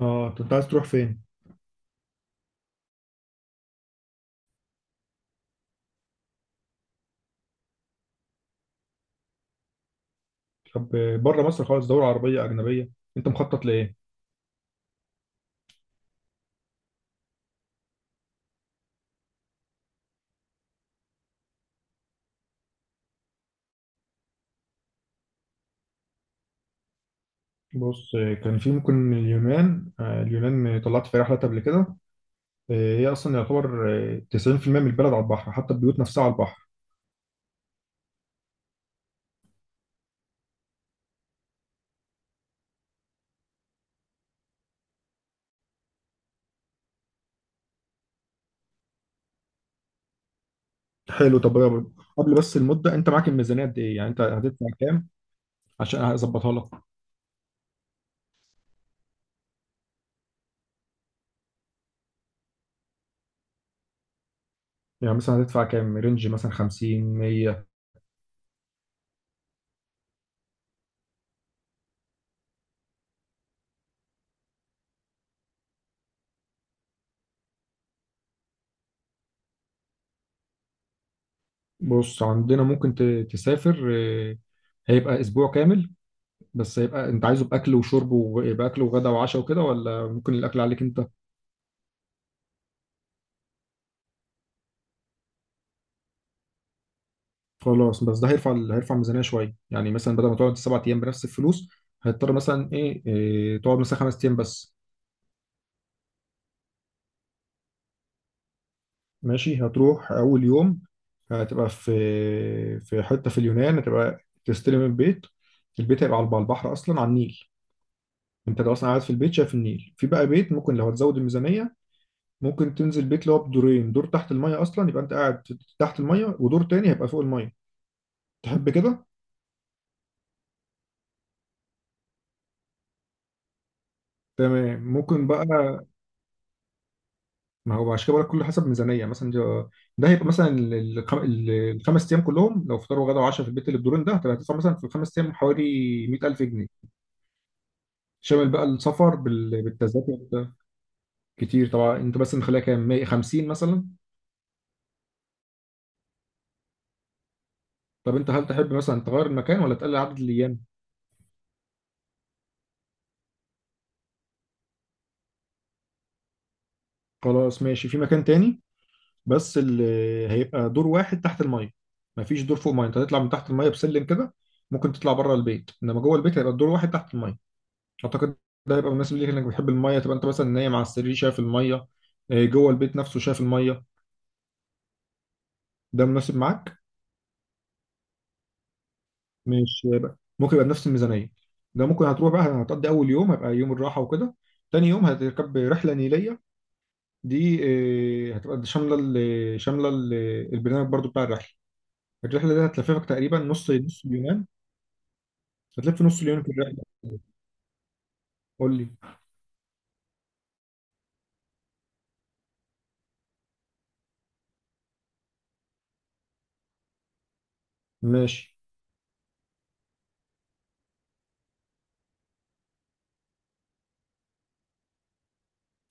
اه انت عايز تروح فين؟ طب، بره مصر خالص، دولة عربية أجنبية. أنت مخطط لإيه؟ بص، كان في ممكن اليونان. اليونان طلعت في رحلة قبل كده. هي أصلا يعتبر آه، 90% من البلد على البحر، حتى البيوت نفسها على البحر. حلو. قبل بس المدة، أنت معاك الميزانية قد إيه؟ يعني أنت هتدفع كام عشان هظبطها لك؟ يعني مثلا هتدفع كام؟ رينج مثلا 50، 100. بص، عندنا ممكن تسافر. هيبقى أسبوع كامل. بس يبقى انت عايزه باكل وشرب، ويبقى اكل وغدا وعشاء وكده، ولا ممكن الاكل عليك انت؟ خلاص. بس ده هيرفع الميزانيه شويه. يعني مثلا بدل ما تقعد سبع ايام بنفس الفلوس، هتضطر مثلا ايه, إيه تقعد مثلا خمس ايام بس. ماشي، هتروح اول يوم، هتبقى في في حته في اليونان هتبقى تستلم البيت. البيت هيبقى على البحر، اصلا على النيل. انت لو اصلا قاعد في البيت شايف النيل. في بقى بيت، ممكن لو هتزود الميزانيه، ممكن تنزل بيت اللي هو بدورين، دور تحت الميه اصلا يبقى انت قاعد تحت الميه، ودور تاني هيبقى فوق الميه. تحب كده؟ تمام. ممكن بقى، ما هو عشان كده بقولك كله حسب ميزانيه. مثلا ده، ده هيبقى مثلا الخمس ايام كلهم، لو فطار وغدا وعشاء في البيت اللي بدورين ده، هتدفع مثلا في الخمس ايام حوالي 100000 جنيه. شامل بقى السفر بالتذاكر ده. كتير طبعا، انت مثلا خليها كام؟ 100، 50 مثلا. طب انت هل تحب مثلا تغير المكان، ولا تقلل عدد الايام؟ خلاص ماشي، في مكان تاني بس، اللي هيبقى دور واحد تحت الميه، مفيش دور فوق الميه. انت هتطلع من تحت الميه بسلم كده. ممكن تطلع بره البيت، انما جوه البيت هيبقى الدور واحد تحت الميه. اعتقد ده هيبقى مناسب ليك، انك بتحب الميه، تبقى انت مثلا نايم على السرير شايف الميه. جوه البيت نفسه شايف الميه. ده مناسب معاك؟ مش يبقى ممكن يبقى بنفس الميزانيه. ده ممكن هتروح بقى، هتقضي اول يوم هيبقى يوم الراحه وكده. تاني يوم هتركب رحله نيليه. دي هتبقى البرنامج برضو بتاع الرحله. الرحله دي هتلففك تقريبا نص اليونان. هتلف نص اليونان في الرحله. قول لي ماشي.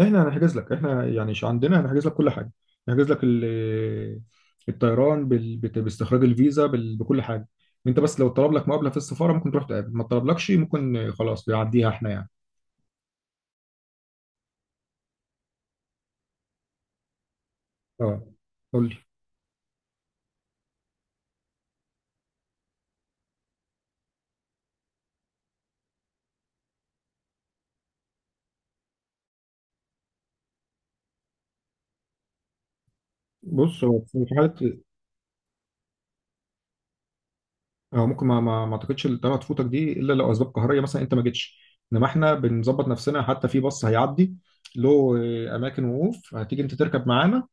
احنا هنحجز لك، احنا يعني عندنا هنحجز لك كل حاجه. هنحجز لك الطيران باستخراج الفيزا بكل حاجه. انت بس لو طلب لك مقابله في السفاره، ممكن تروح تقابل. ما طلبلكش، ممكن خلاص يعديها، احنا يعني. اه، قول لي. بص، هو في حاله. اه، ممكن ما اعتقدش الطياره تفوتك دي الا لو اسباب قهريه، مثلا انت ما جيتش. انما احنا بنظبط نفسنا، حتى في باص هيعدي له اماكن وقوف، هتيجي انت تركب معانا.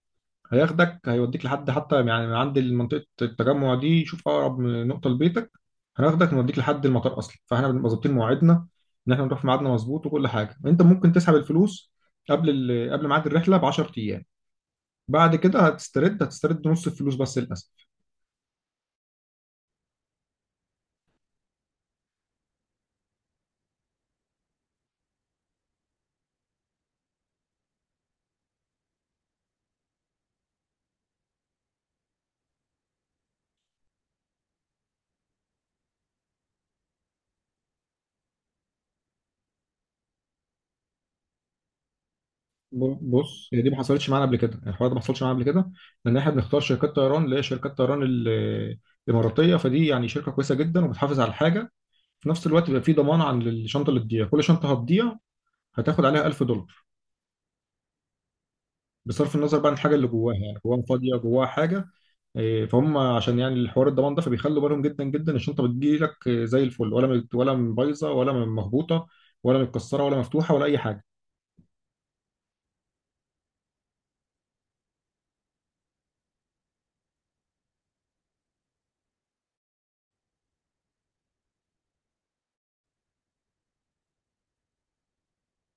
هياخدك هيوديك لحد، حتى يعني من عند منطقة التجمع دي، شوف أقرب من نقطة لبيتك، هناخدك نوديك لحد المطار أصلا. فاحنا بنبقى ظابطين مواعيدنا إن احنا نروح في ميعادنا مظبوط. وكل حاجة، أنت ممكن تسحب الفلوس قبل ميعاد الرحلة ب 10 أيام. بعد كده هتسترد نص الفلوس بس للأسف. بص، هي دي ما حصلتش معانا قبل كده. الحوار ده ما حصلش معانا قبل كده، لأن احنا بنختار شركات طيران اللي هي شركات طيران الإماراتية. فدي يعني شركة كويسة جدا وبتحافظ على الحاجة. في نفس الوقت بيبقى في ضمان عن الشنطه اللي تضيع. كل شنطه هتضيع، هتاخد عليها 1000 دولار. بصرف النظر بقى عن الحاجه اللي جواها، يعني جواها فاضيه، جواها حاجه. فهم عشان يعني الحوار الضمان ده، فبيخلوا بالهم جدا جدا. الشنطه بتجيلك زي الفل، ولا بايظه ولا مهبوطه ولا متكسره ولا مفتوحه ولا اي حاجه.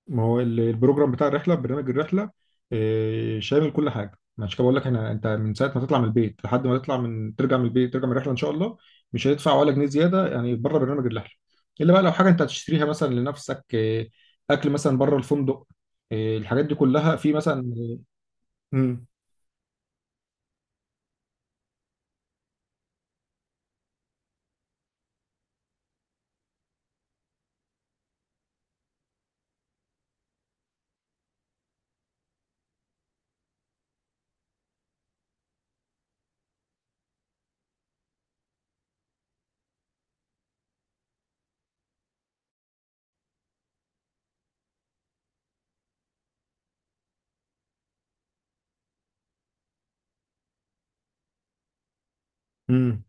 ما هو البروجرام بتاع الرحله، برنامج الرحله شامل كل حاجه. ما عشان كده بقول لك، احنا انت من ساعه ما تطلع من البيت لحد ما تطلع من ترجع من البيت، ترجع من الرحله ان شاء الله، مش هتدفع ولا جنيه زياده، يعني بره برنامج الرحله. الا بقى لو حاجه انت هتشتريها مثلا لنفسك، اكل مثلا بره الفندق. الحاجات دي كلها في مثلا. امم امم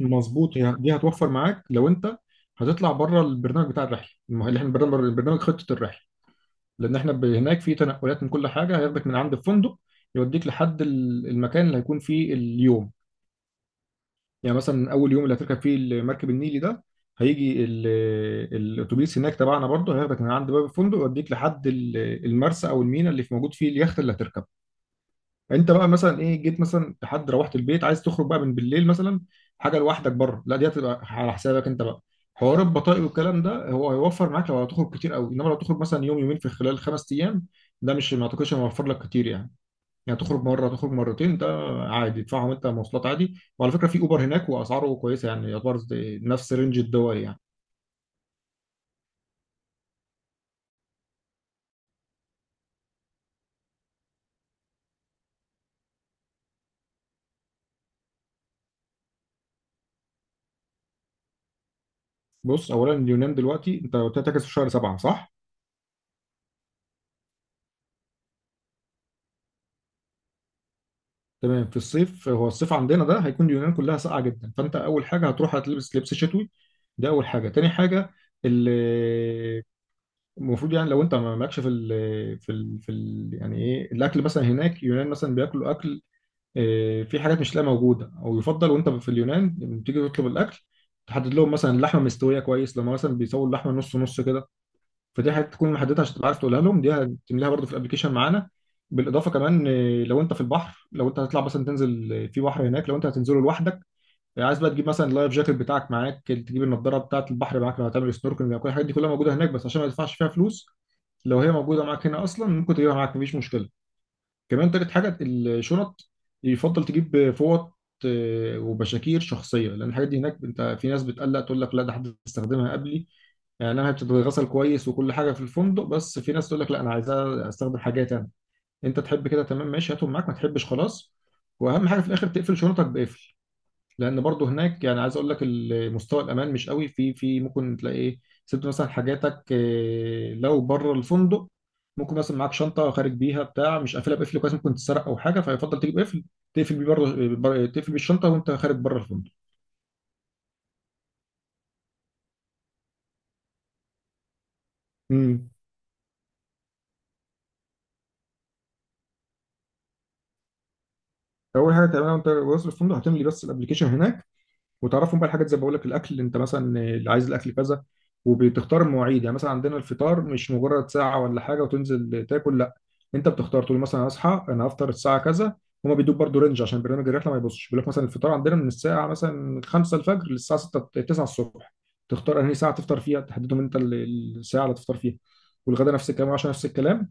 مظبوط. دي هتوفر معاك لو انت هتطلع بره البرنامج بتاع الرحله اللي احنا البرنامج خطه الرحله. لان احنا هناك في تنقلات من كل حاجه. هياخدك من عند الفندق، يوديك لحد المكان اللي هيكون فيه اليوم. يعني مثلا اول يوم اللي هتركب فيه المركب النيلي ده، هيجي الاتوبيس هناك تبعنا، برضه هياخدك من عند باب الفندق، يوديك لحد المرسى او الميناء اللي في موجود فيه اليخت اللي هتركبه. انت بقى مثلا جيت مثلا لحد روحت البيت، عايز تخرج بقى من بالليل مثلا حاجه لوحدك بره، لا دي هتبقى على حسابك انت بقى. حوار البطائق والكلام ده، هو هيوفر معاك لو هتخرج كتير قوي. انما لو تخرج مثلا يوم يومين في خلال خمس ايام، ده مش، ما اعتقدش هيوفر لك كتير يعني. يعني تخرج مره، تخرج مرتين، ده عادي تدفعهم انت مواصلات عادي. وعلى فكره في اوبر هناك، واسعاره كويسه يعني، يعتبر نفس رينج الدول يعني. بص اولا، اليونان دلوقتي انت قلت لي هتحجز في شهر سبعه، صح؟ تمام، في الصيف. هو الصيف عندنا ده هيكون اليونان كلها ساقعه جدا. فانت اول حاجه هتروح هتلبس لبس شتوي، ده اول حاجه. تاني حاجه ال- المفروض، يعني لو انت ما مالكش في ال، يعني الاكل مثلا هناك. يونان مثلا بياكلوا اكل، في حاجات مش لا موجوده. او يفضل وانت في اليونان لما تيجي تطلب الاكل، تحدد لهم مثلا اللحمه مستويه كويس، لما مثلا بيسووا اللحمه نص كده. فدي حاجات تكون محددها عشان تبقى عارف تقولها لهم، دي هتملاها برضو في الابلكيشن معانا. بالاضافه كمان، لو انت في البحر، لو انت هتطلع مثلا تنزل في بحر هناك، لو انت هتنزله لوحدك، عايز بقى تجيب مثلا اللايف جاكيت بتاعك معاك، تجيب النضاره بتاعه البحر معاك لو هتعمل سنوركلينج. او كل الحاجات دي كلها موجوده هناك، بس عشان ما تدفعش فيها فلوس، لو هي موجوده معاك هنا اصلا ممكن تجيبها معاك مفيش مشكله. كمان تالت حاجه، الشنط، يفضل تجيب فوط وبشاكير شخصيه. لان الحاجات دي هناك، انت في ناس بتقلق تقول لك لا ده حد استخدمها قبلي. يعني انا هتتغسل كويس وكل حاجه في الفندق، بس في ناس تقول لك لا انا عايزها استخدم حاجات انا. انت تحب كده، تمام ماشي، هاتهم معاك. ما تحبش خلاص. واهم حاجه في الاخر، تقفل شنطك بقفل. لان برضو هناك، يعني عايز اقول لك مستوى الامان مش قوي، في، في ممكن تلاقي سبت مثلا حاجاتك لو بره الفندق. ممكن مثلا معاك شنطه خارج بيها بتاع مش قافلها بقفل كويس، ممكن تتسرق او حاجه. فيفضل تجيب قفل تقفل بيه بره، تقفل بالشنطه وانت خارج بره الفندق. امم اول حاجه تعملها وانت واصل الفندق، هتملي بس الابلكيشن هناك، وتعرفهم بقى الحاجات زي ما بقول لك، الاكل انت مثلا اللي عايز الاكل كذا. وبتختار المواعيد، يعني مثلا عندنا الفطار مش مجرد ساعه ولا حاجه وتنزل تاكل، لا انت بتختار، تقول مثلا هصحى انا هفطر الساعه كذا. هما بيدوك برضه رينج، عشان برنامج الرحله ما يبصش، بيقول لك مثلا الفطار عندنا من الساعه مثلا 5 الفجر للساعه 6، 9 الصبح، تختار انهي ساعه تفطر فيها، تحددهم انت الساعه اللي تفطر فيها. والغدا نفس الكلام، وعشان نفس الكلام.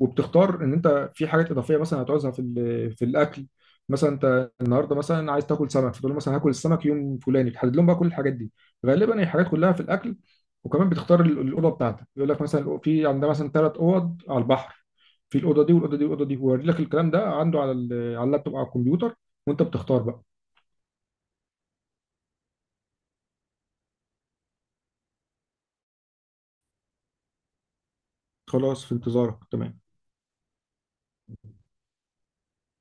وبتختار ان انت في حاجات اضافيه مثلا هتعوزها في الاكل. مثلا انت النهارده مثلا عايز تاكل سمك، فتقول له مثلا هاكل السمك يوم فلاني، تحدد لهم بقى كل الحاجات دي. غالبا هي حاجات كلها في الاكل. وكمان بتختار الاوضه بتاعتك. يقول لك مثلا في عندنا مثلا ثلاث اوض على البحر، في الاوضه دي والاوضه دي والاوضه دي، ويوري لك الكلام ده عنده على على اللابتوب او على الكمبيوتر. وانت بتختار بقى. خلاص، في انتظارك، تمام.